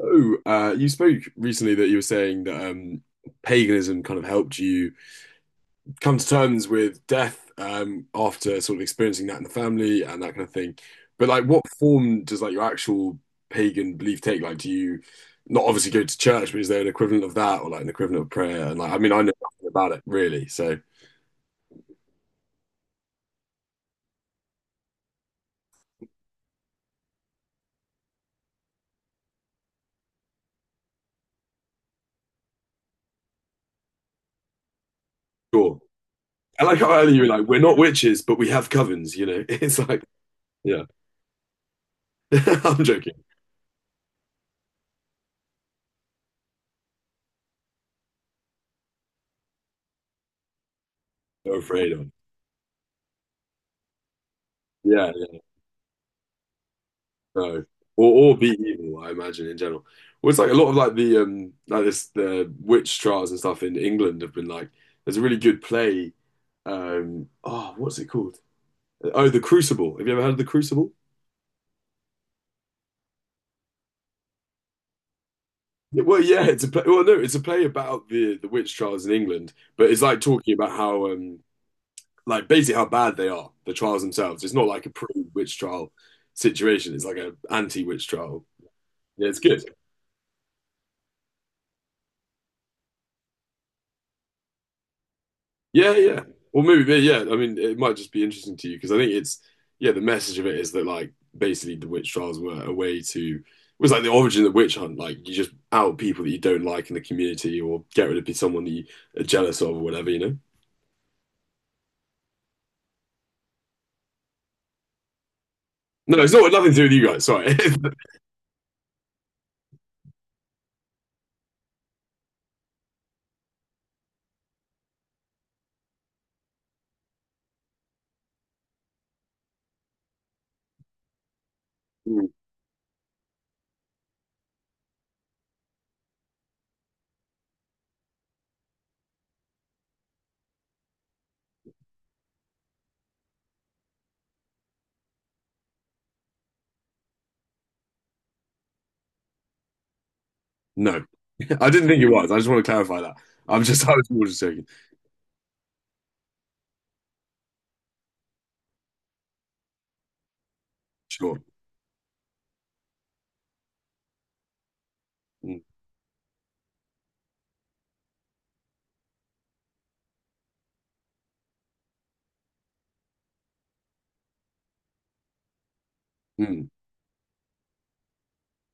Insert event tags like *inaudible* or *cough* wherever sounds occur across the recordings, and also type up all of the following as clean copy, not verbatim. Oh, you spoke recently that you were saying that paganism kind of helped you come to terms with death after sort of experiencing that in the family and that kind of thing. But like, what form does like your actual pagan belief take? Like, do you not obviously go to church, but is there an equivalent of that or like an equivalent of prayer? And like, I mean, I know nothing about it really, so sure. I like how earlier you were like, we're not witches, but we have covens. You know, *laughs* it's like, yeah, *laughs* I'm joking. No, afraid of. Yeah, no. Or be evil, I imagine in general. Well, it's like a lot of like the like this the witch trials and stuff in England have been like there's a really good play. Oh, what's it called? Oh, The Crucible. Have you ever heard of The Crucible? Yeah, well, yeah, it's a play. Well, no, it's a play about the witch trials in England, but it's like talking about how basically how bad they are, the trials themselves. It's not like a pre-witch trial situation. It's like a anti-witch trial. Yeah, it's good. Yeah, yeah. Or maybe, yeah. I mean, it might just be interesting to you because I think it's, yeah, the message of it is that, like, basically the witch trials were a way to, it was like the origin of the witch hunt. Like, you just out people that you don't like in the community or get rid of someone that you are jealous of or whatever, you know? No, it's not nothing to do with you guys. Sorry. *laughs* No, *laughs* I didn't think it was. I just want to clarify that. I'm just, *laughs* I was more just joking. Sure. Mm, mm.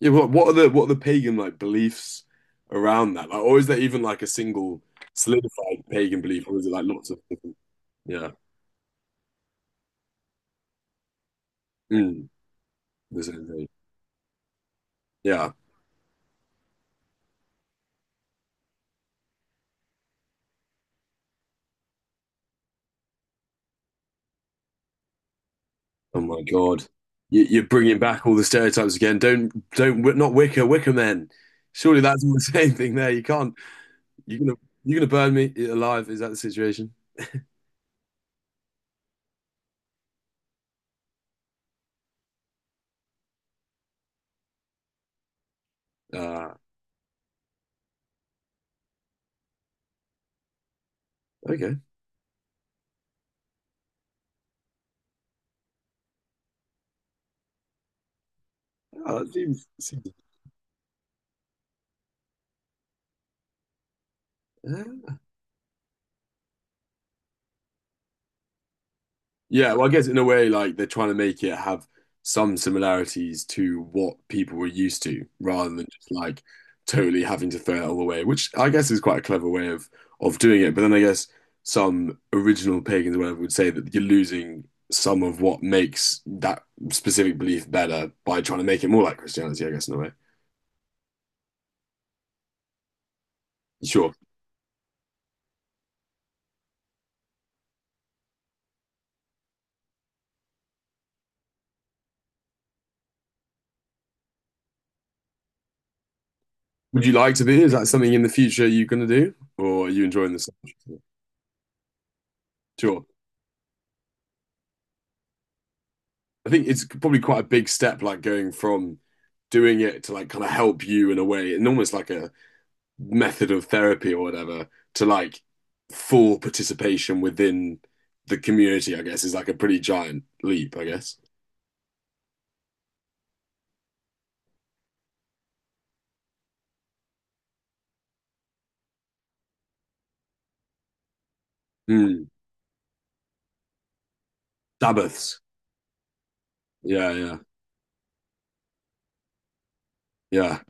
Yeah, what are the pagan like beliefs around that? Like, or is there even like a single solidified pagan belief, or is it like lots of different? Yeah, mm, the same thing. Yeah. Oh my God, you're bringing back all the stereotypes again. Don't not Wicca men. Surely that's all the *laughs* same thing there. You can't. You're gonna you're gonna burn me alive. Is that the situation? Uh okay. Oh, that seems, seems- yeah. Yeah, well, I guess in a way, like they're trying to make it have some similarities to what people were used to, rather than just like totally having to throw it all away, which I guess is quite a clever way of doing it. But then I guess some original pagans or whatever would say that you're losing some of what makes that specific belief better by trying to make it more like Christianity, I guess, in a way. Sure. Would you like to be? Is that something in the future you're going to do, or are you enjoying this? Sure. I think it's probably quite a big step, like going from doing it to like kind of help you in a way, and almost like a method of therapy or whatever, to like full participation within the community, I guess, is like a pretty giant leap, I guess. Mm. Sabbaths. Yeah, yeah, yeah.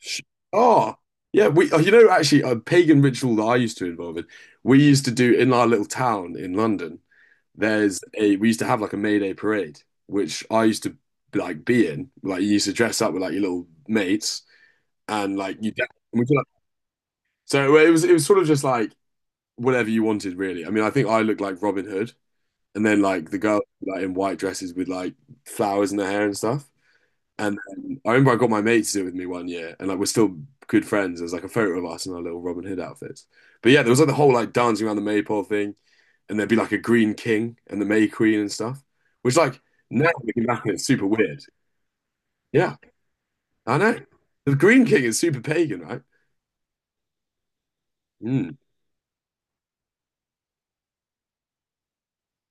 Sh- oh, yeah. We, oh, you know, actually, a pagan ritual that I used to involve in, we used to do in our little town in London. There's a, we used to have like a May Day parade, which I used to like be in. Like, you used to dress up with like your little mates and like you, and we did, like, so it was sort of just like whatever you wanted, really. I mean, I think I looked like Robin Hood and then like the girls like in white dresses with like flowers in their hair and stuff. And then I remember I got my mate to do it with me one year, and like we're still good friends. There's like a photo of us in our little Robin Hood outfits. But yeah, there was like the whole like dancing around the maypole thing, and there'd be like a green king and the May Queen and stuff, which like now looking back, it's super weird. Yeah, I know. The green king is super pagan, right? Mm.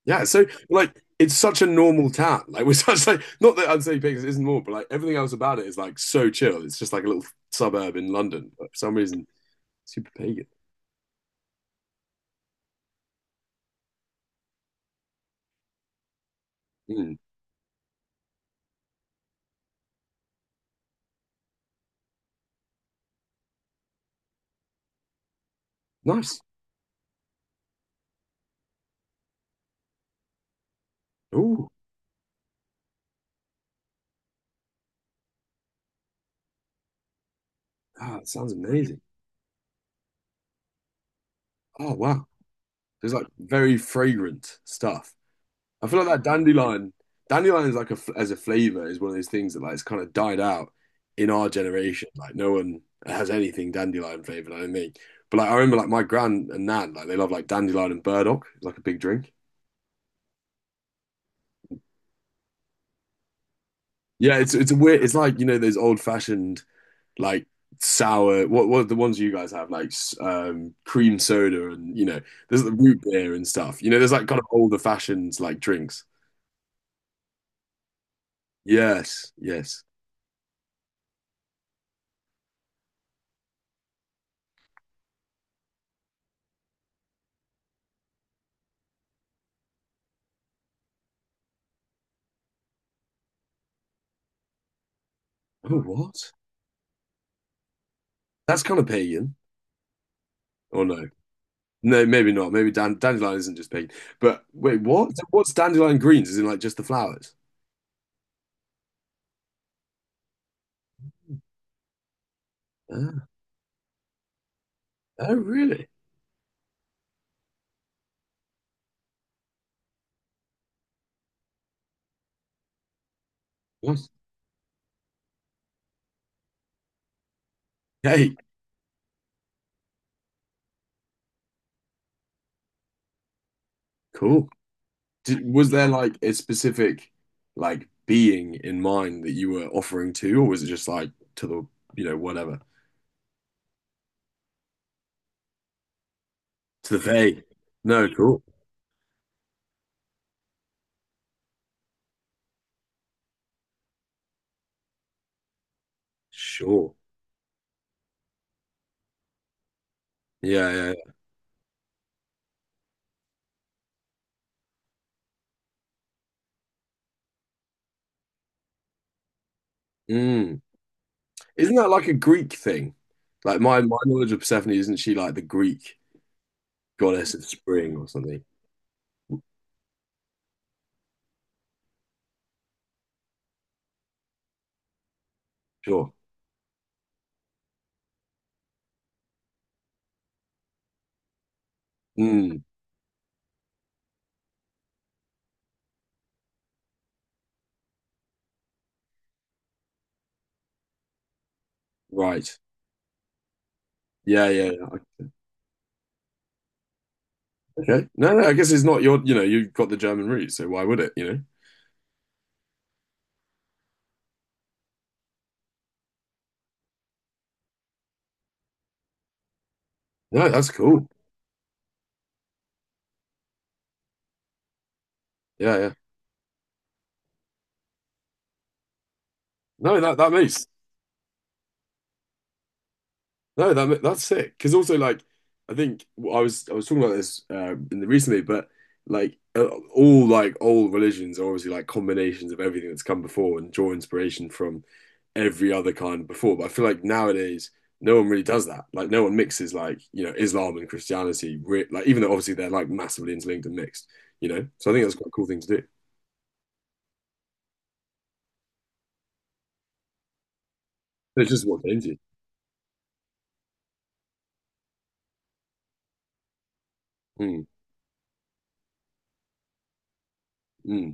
Yeah, so like it's such a normal town. Like *laughs* we're such like not that I'd say Vegas isn't normal, but like everything else about it is like so chill. It's just like a little suburb in London, but for some reason super pagan. Mm. Nice. Ooh. Oh, it sounds amazing. Oh wow, it's like very fragrant stuff. I feel like that dandelion is like a as a flavor is one of those things that like it's kind of died out in our generation. Like no one has anything dandelion flavored. I don't think. But like I remember like my gran and nan like they love like dandelion and burdock. It's like a big drink. Yeah, it's a weird. It's like you know those old fashioned like sour. What are the ones you guys have like cream soda and you know there's the root beer and stuff. You know there's like kind of older fashioned like drinks. Yes, yes. Oh, what? That's kind of pagan, or no? No, maybe not. Maybe dandelion isn't just pagan. But wait, what? So what's dandelion greens? Is in like just the flowers? Ah, oh, really? Yes. Hey, cool. Did, was there like a specific like being in mind that you were offering to, or was it just like to the you know whatever to the vague? No, cool. Sure. Yeah, yeah, yeah. Mm. Isn't that like a Greek thing? Like my knowledge of Persephone, isn't she like the Greek goddess of spring or something? Sure. Mm, right. Yeah, yeah, yeah. Okay. No, no, I guess it's not your, you know, you've got the German roots, so why would it, you know? No, that's cool. Yeah, yeah. No, that that makes no, that that's sick. Because also, like, I think I was talking about this in the recently, but like all like old religions are obviously like combinations of everything that's come before and draw inspiration from every other kind before. But I feel like nowadays no one really does that. Like, no one mixes like you know Islam and Christianity. Re like, even though obviously they're like massively interlinked and mixed, you know. So I think that's quite a cool thing to do. It's just what they're into. Mm, mm,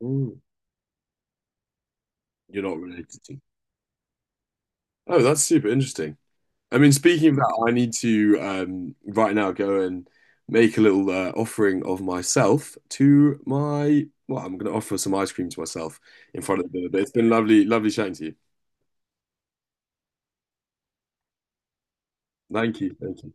mm. You're not related to. Oh, that's super interesting. I mean, speaking of that, I need to right now go and make a little offering of myself to my. Well, I'm going to offer some ice cream to myself in front of the. But it's been lovely, lovely chatting to you. Thank you. Thank you.